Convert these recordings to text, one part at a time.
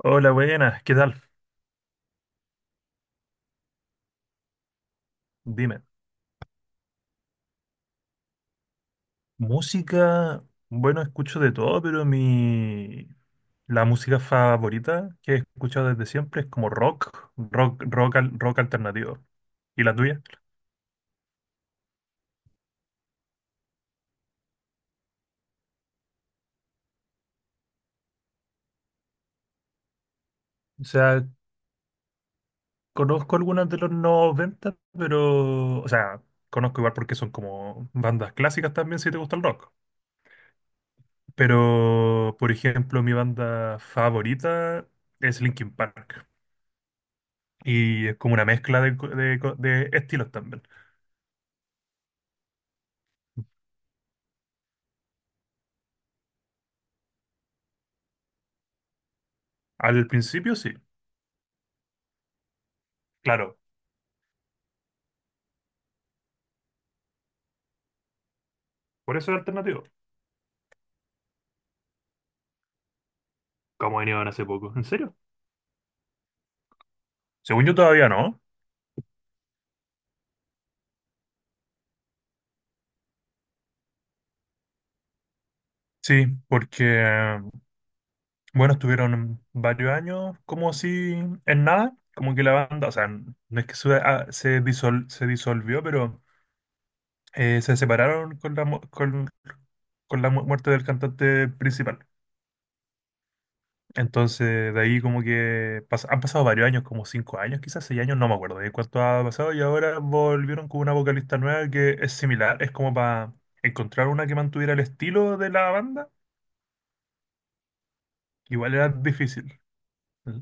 Hola, buenas, ¿qué tal? Dime, música, bueno, escucho de todo, pero mi la música favorita que he escuchado desde siempre es como rock, rock alternativo. ¿Y la tuya? O sea, conozco algunas de los 90, pero, o sea, conozco igual porque son como bandas clásicas también si te gusta el rock. Pero, por ejemplo, mi banda favorita es Linkin Park. Y es como una mezcla de estilos también. Al principio sí. Claro, por eso es alternativo. Como vinieron hace poco. ¿En serio? Según yo todavía no. Sí, porque, bueno, estuvieron varios años como así en nada, como que la banda, o sea, no es que se, se disolvió, pero se separaron con la muerte del cantante principal. Entonces, de ahí como que han pasado varios años, como 5 años, quizás 6 años, no me acuerdo de cuánto ha pasado, y ahora volvieron con una vocalista nueva que es similar, es como para encontrar una que mantuviera el estilo de la banda, que igual era difícil. Mm,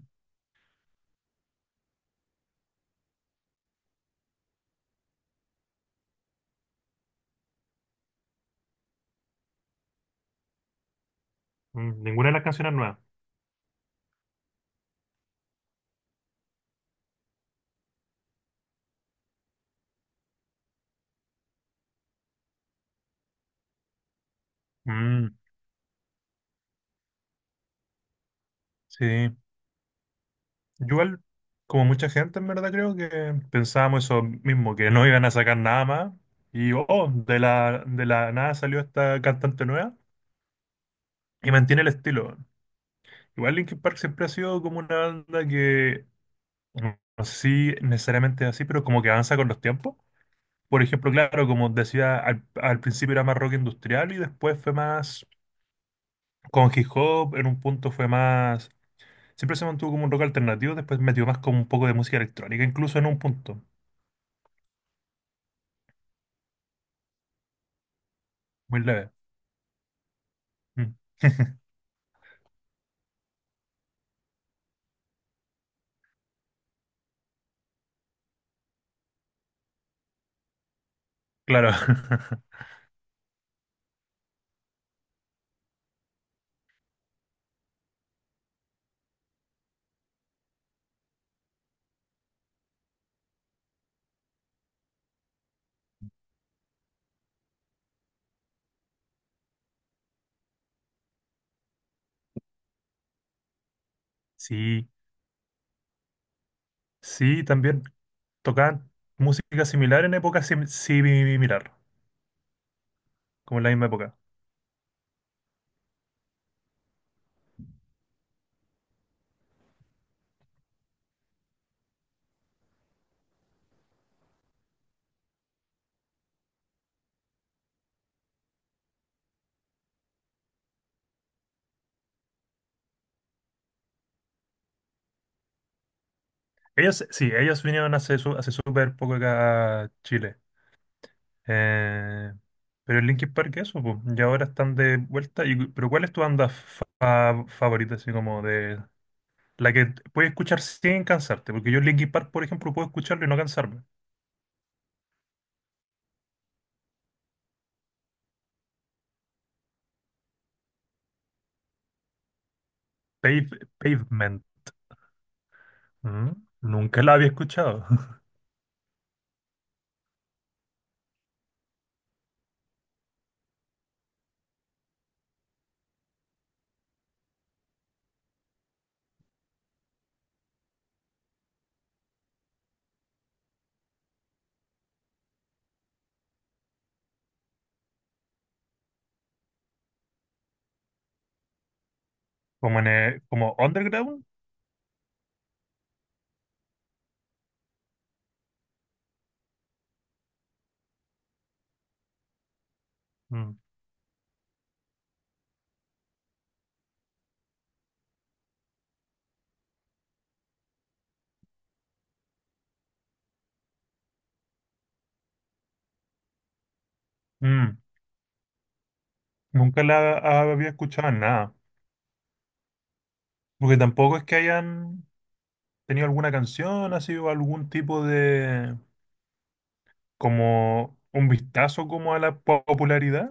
mm, ninguna de las canciones nuevas. Mm, sí, yo igual, como mucha gente en verdad creo que pensábamos eso mismo, que no iban a sacar nada más, y oh, de la nada salió esta cantante nueva y mantiene el estilo. Igual Linkin Park siempre ha sido como una banda que, no sé si necesariamente es así, pero como que avanza con los tiempos. Por ejemplo, claro, como decía, al principio era más rock industrial y después fue más con hip hop, en un punto fue más... Siempre se mantuvo como un rock alternativo, después metió más como un poco de música electrónica, incluso en un punto, muy leve. Mm. Claro. Sí, sí, también tocaban música similar en épocas similar, como en la misma época. Ellos, sí, ellos vinieron hace hace súper poco acá a Chile. Eh, pero el Linkin Park, eso, pues, y ahora están de vuelta. Y, pero ¿cuál es tu banda favorita, así como de la que puedes escuchar sin cansarte? Porque yo Linkin Park, por ejemplo, puedo escucharlo y no cansarme. Pave- Pavement. ¿Mm? Nunca la había escuchado. Como en como underground. Mm. Mm. Nunca la había escuchado en nada. Porque tampoco es que hayan tenido alguna canción, ha sido algún tipo de como un vistazo como a la popularidad.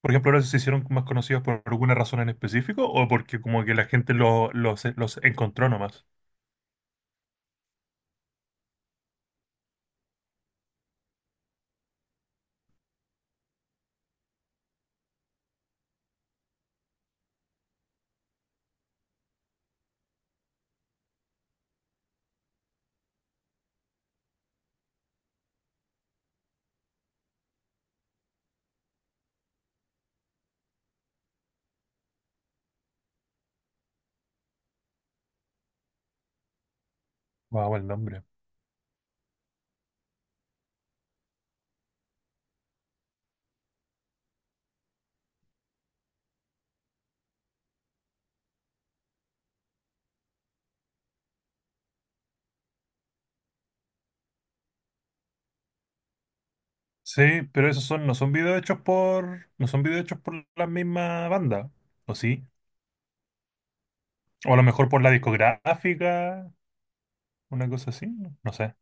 Por ejemplo, ahora se hicieron más conocidos por alguna razón en específico o porque como que la gente los encontró nomás. Wow, el nombre. Sí, pero esos son, no son videos hechos por, no son videos hechos por la misma banda, ¿o sí? O a lo mejor por la discográfica, una cosa así, no, no sé.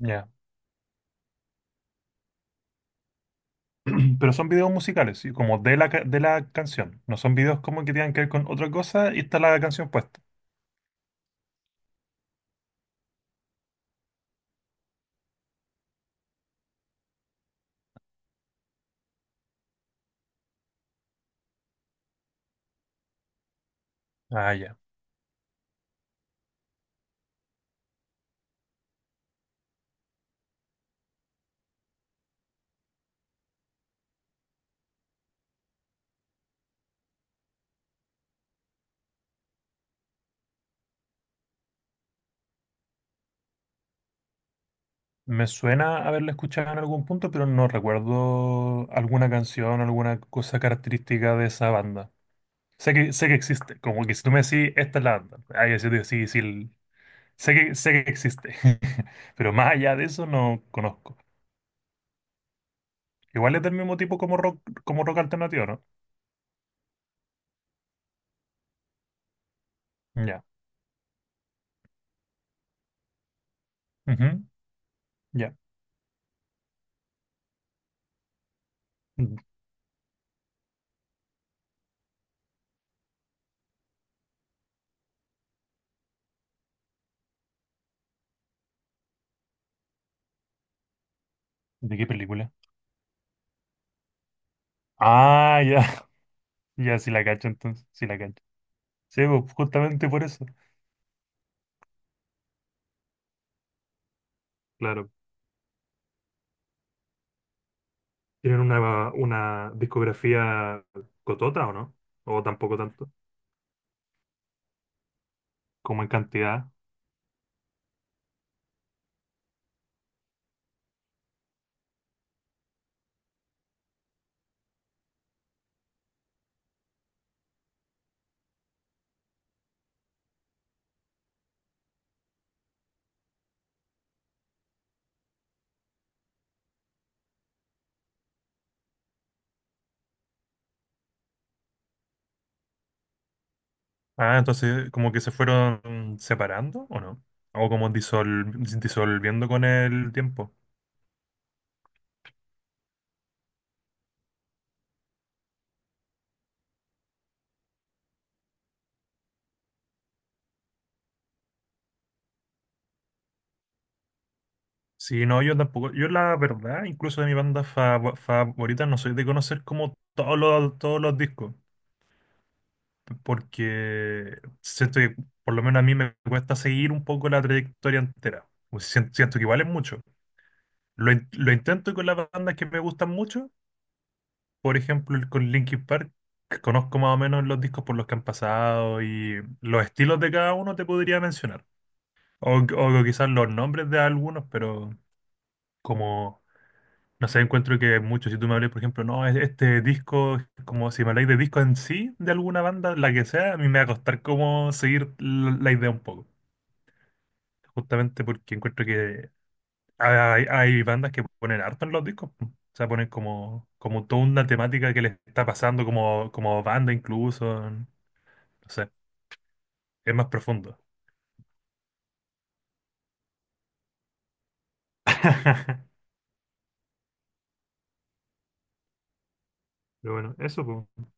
Ya. Pero son videos musicales, sí, como de de la canción. No son videos como que tengan que ver con otra cosa y está la canción puesta. Ah, ya. Me suena haberla escuchado en algún punto, pero no recuerdo alguna canción, alguna cosa característica de esa banda. Sé que existe, como que si tú me decís, esta es la banda, ahí así te sí, sí, sé que existe, pero más allá de eso no conozco. Igual es del mismo tipo como rock alternativo, ¿no? Ya, ujú, ya. Mm, ¿de qué película? Ah, ya, ya, sí la cacho entonces, sí la cacho. Sí, pues, justamente por eso. Claro. ¿Tienen una discografía cotota o no? ¿O tampoco tanto? Como en cantidad. Ah, entonces ¿como que se fueron separando o no? O como disolviendo con el tiempo. Sí, no, yo tampoco. Yo la verdad, incluso de mi banda favorita, no soy de conocer como todos los discos. Porque siento que por lo menos a mí me cuesta seguir un poco la trayectoria entera. Pues siento que igual es mucho. Lo, lo intento con las bandas que me gustan mucho, por ejemplo, con Linkin Park, que conozco más o menos los discos por los que han pasado y los estilos de cada uno te podría mencionar. O quizás los nombres de algunos, pero como, no sé, encuentro que muchos, si tú me hablas, por ejemplo, no, este disco, como si me habláis de disco en sí, de alguna banda, la que sea, a mí me va a costar como seguir la la idea un poco. Justamente porque encuentro que hay bandas que ponen harto en los discos, po. O sea, ponen como, como toda una temática que les está pasando como, como banda incluso. No sé, es más profundo. Pero bueno, eso, pues,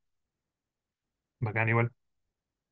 bacán igual.